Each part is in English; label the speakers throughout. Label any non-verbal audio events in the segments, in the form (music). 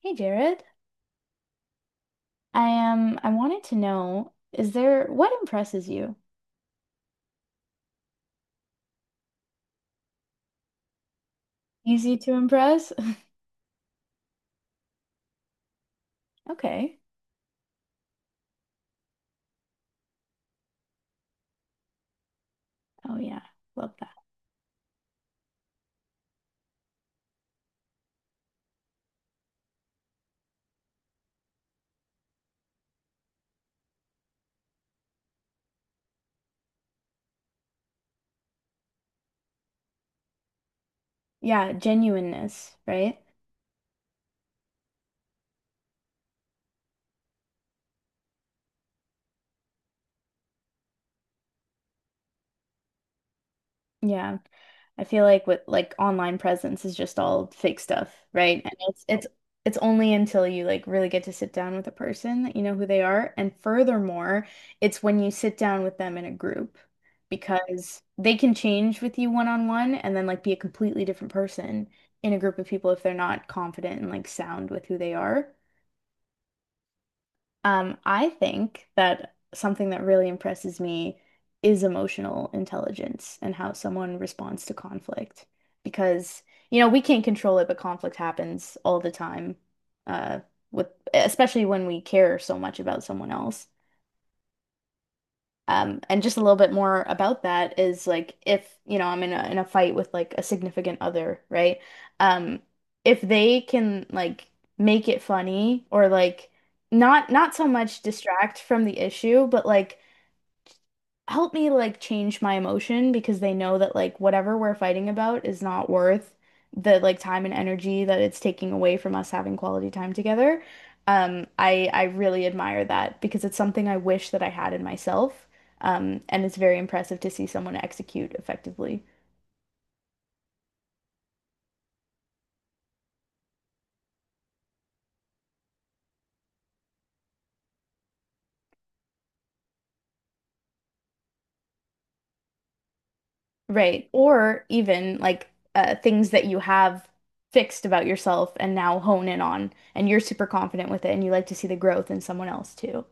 Speaker 1: Hey Jared, I am. I wanted to know, is there what impresses you? Easy to impress? (laughs) Okay. Oh yeah, love that. Yeah, genuineness, right? Yeah. I feel like with like online presence is just all fake stuff, right? And it's only until you like really get to sit down with a person that you know who they are. And furthermore, it's when you sit down with them in a group because they can change with you one on one and then like be a completely different person in a group of people if they're not confident and like sound with who they are. I think that something that really impresses me is emotional intelligence and how someone responds to conflict. Because, you know, we can't control it, but conflict happens all the time, uh, with especially when we care so much about someone else. And just a little bit more about that is like if, you know, I'm in a fight with like a significant other, right? Um, if they can like make it funny or like not so much distract from the issue, but like help me like change my emotion because they know that like whatever we're fighting about is not worth the like time and energy that it's taking away from us having quality time together. I really admire that because it's something I wish that I had in myself. And it's very impressive to see someone execute effectively. Right. Or even like things that you have fixed about yourself and now hone in on, and you're super confident with it, and you like to see the growth in someone else too.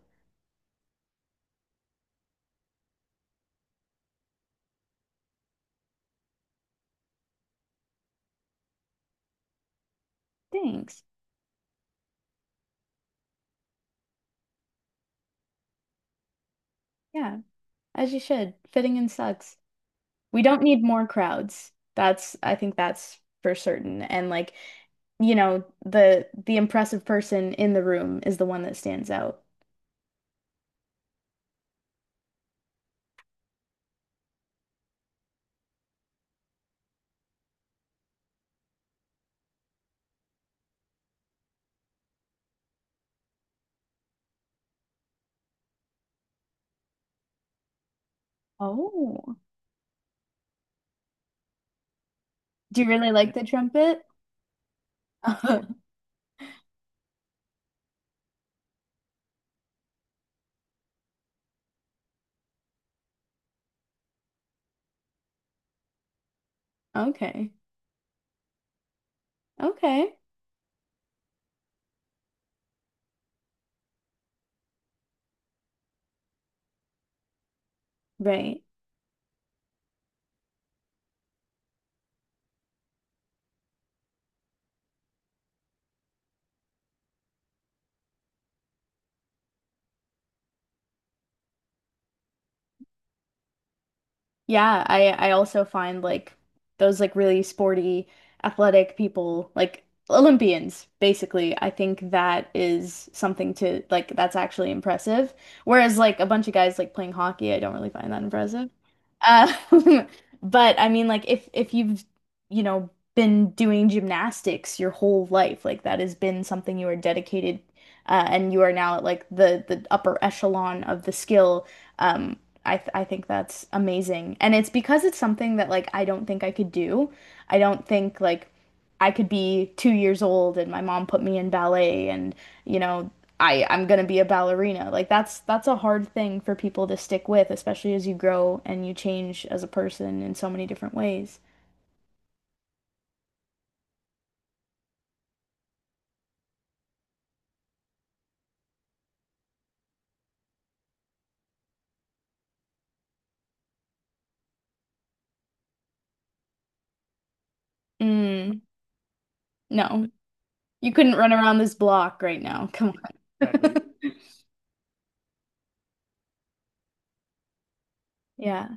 Speaker 1: Thanks. Yeah. As you should. Fitting in sucks. We don't need more crowds. That's, I think that's for certain. And like, you know, the impressive person in the room is the one that stands out. Oh. Do you really like the trumpet? (laughs) Okay. Okay. Right. Yeah, I also find like those like really sporty, athletic people, like Olympians, basically. I think that is something to like that's actually impressive. Whereas like a bunch of guys like playing hockey, I don't really find that impressive. Uh, (laughs) but I mean like if you've, you know, been doing gymnastics your whole life, like that has been something you are dedicated and you are now at like the upper echelon of the skill. Um, I think that's amazing, and it's because it's something that like I don't think I could do. I don't think like I could be 2 years old and my mom put me in ballet, and you know I'm gonna be a ballerina. Like that's a hard thing for people to stick with, especially as you grow and you change as a person in so many different ways. Mm, no, you couldn't run around this block right now. Come on. (laughs) Yeah.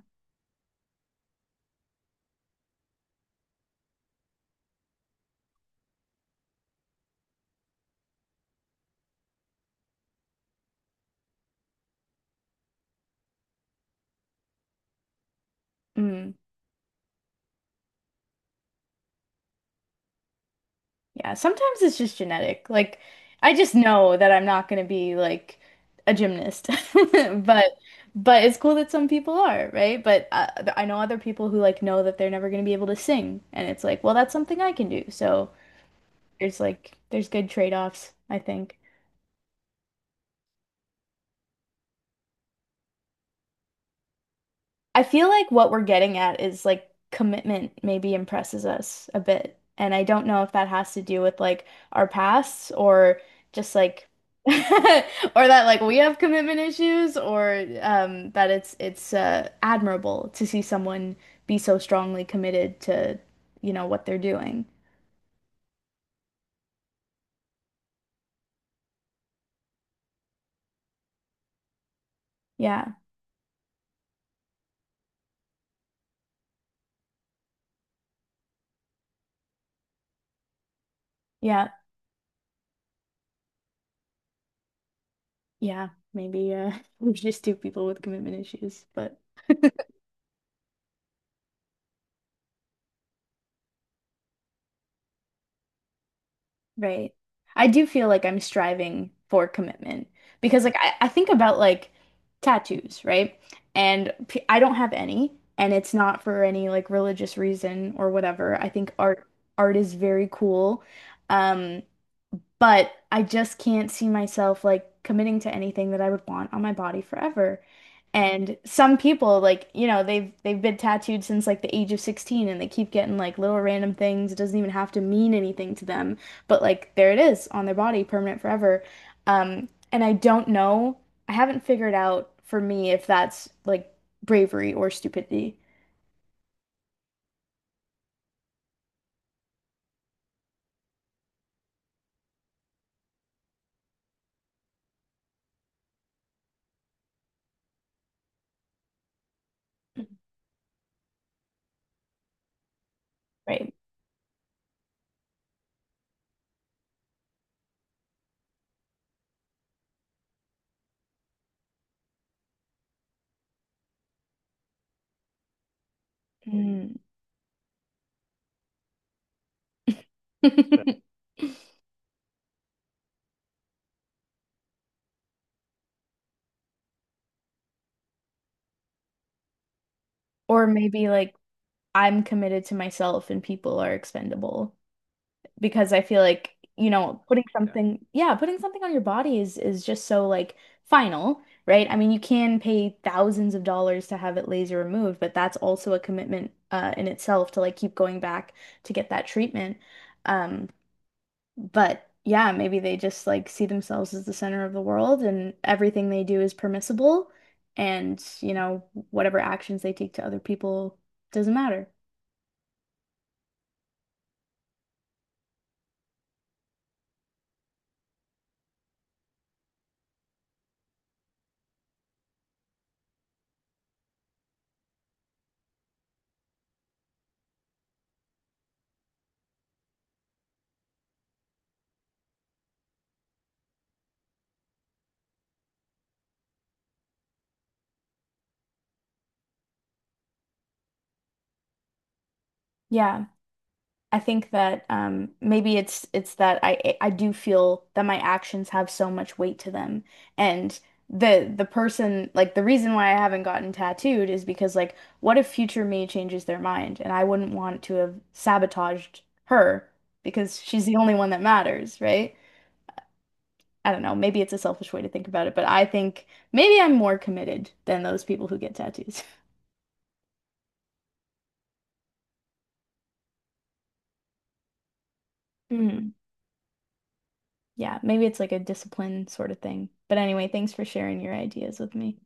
Speaker 1: Mm. Yeah, sometimes it's just genetic. Like, I just know that I'm not going to be like a gymnast. (laughs) But but it's cool that some people are, right? But I know other people who like know that they're never going to be able to sing, and it's like, well, that's something I can do. So there's like there's good trade-offs, I think. I feel like what we're getting at is like commitment maybe impresses us a bit. And I don't know if that has to do with like our pasts or just like (laughs) or that like we have commitment issues or that it's admirable to see someone be so strongly committed to, you know, what they're doing. Yeah. Yeah. Yeah. Maybe (laughs) we're just two people with commitment issues, but Right. I do feel like I'm striving for commitment because like I think about like tattoos, right? And p I don't have any and it's not for any like religious reason or whatever. I think art is very cool. Um but I just can't see myself like committing to anything that I would want on my body forever. And some people like, you know, they've been tattooed since like the age of 16 and they keep getting like little random things. It doesn't even have to mean anything to them, but like there it is on their body, permanent forever. And I don't know. I haven't figured out for me if that's like bravery or stupidity. Right. Mm. (laughs) Or maybe like I'm committed to myself and people are expendable because I feel like, you know, putting Yeah. something, yeah, putting something on your body is just so like final, right? I mean, you can pay thousands of dollars to have it laser removed, but that's also a commitment in itself to like keep going back to get that treatment. Um, but yeah, maybe they just like see themselves as the center of the world and everything they do is permissible and, you know, whatever actions they take to other people doesn't matter. Yeah. I think that maybe it's that I do feel that my actions have so much weight to them, and the person like the reason why I haven't gotten tattooed is because like what if future me changes their mind and I wouldn't want to have sabotaged her because she's the only one that matters, right? I don't know, maybe it's a selfish way to think about it, but I think maybe I'm more committed than those people who get tattoos. (laughs) Mm. Yeah, maybe it's like a discipline sort of thing. But anyway, thanks for sharing your ideas with me.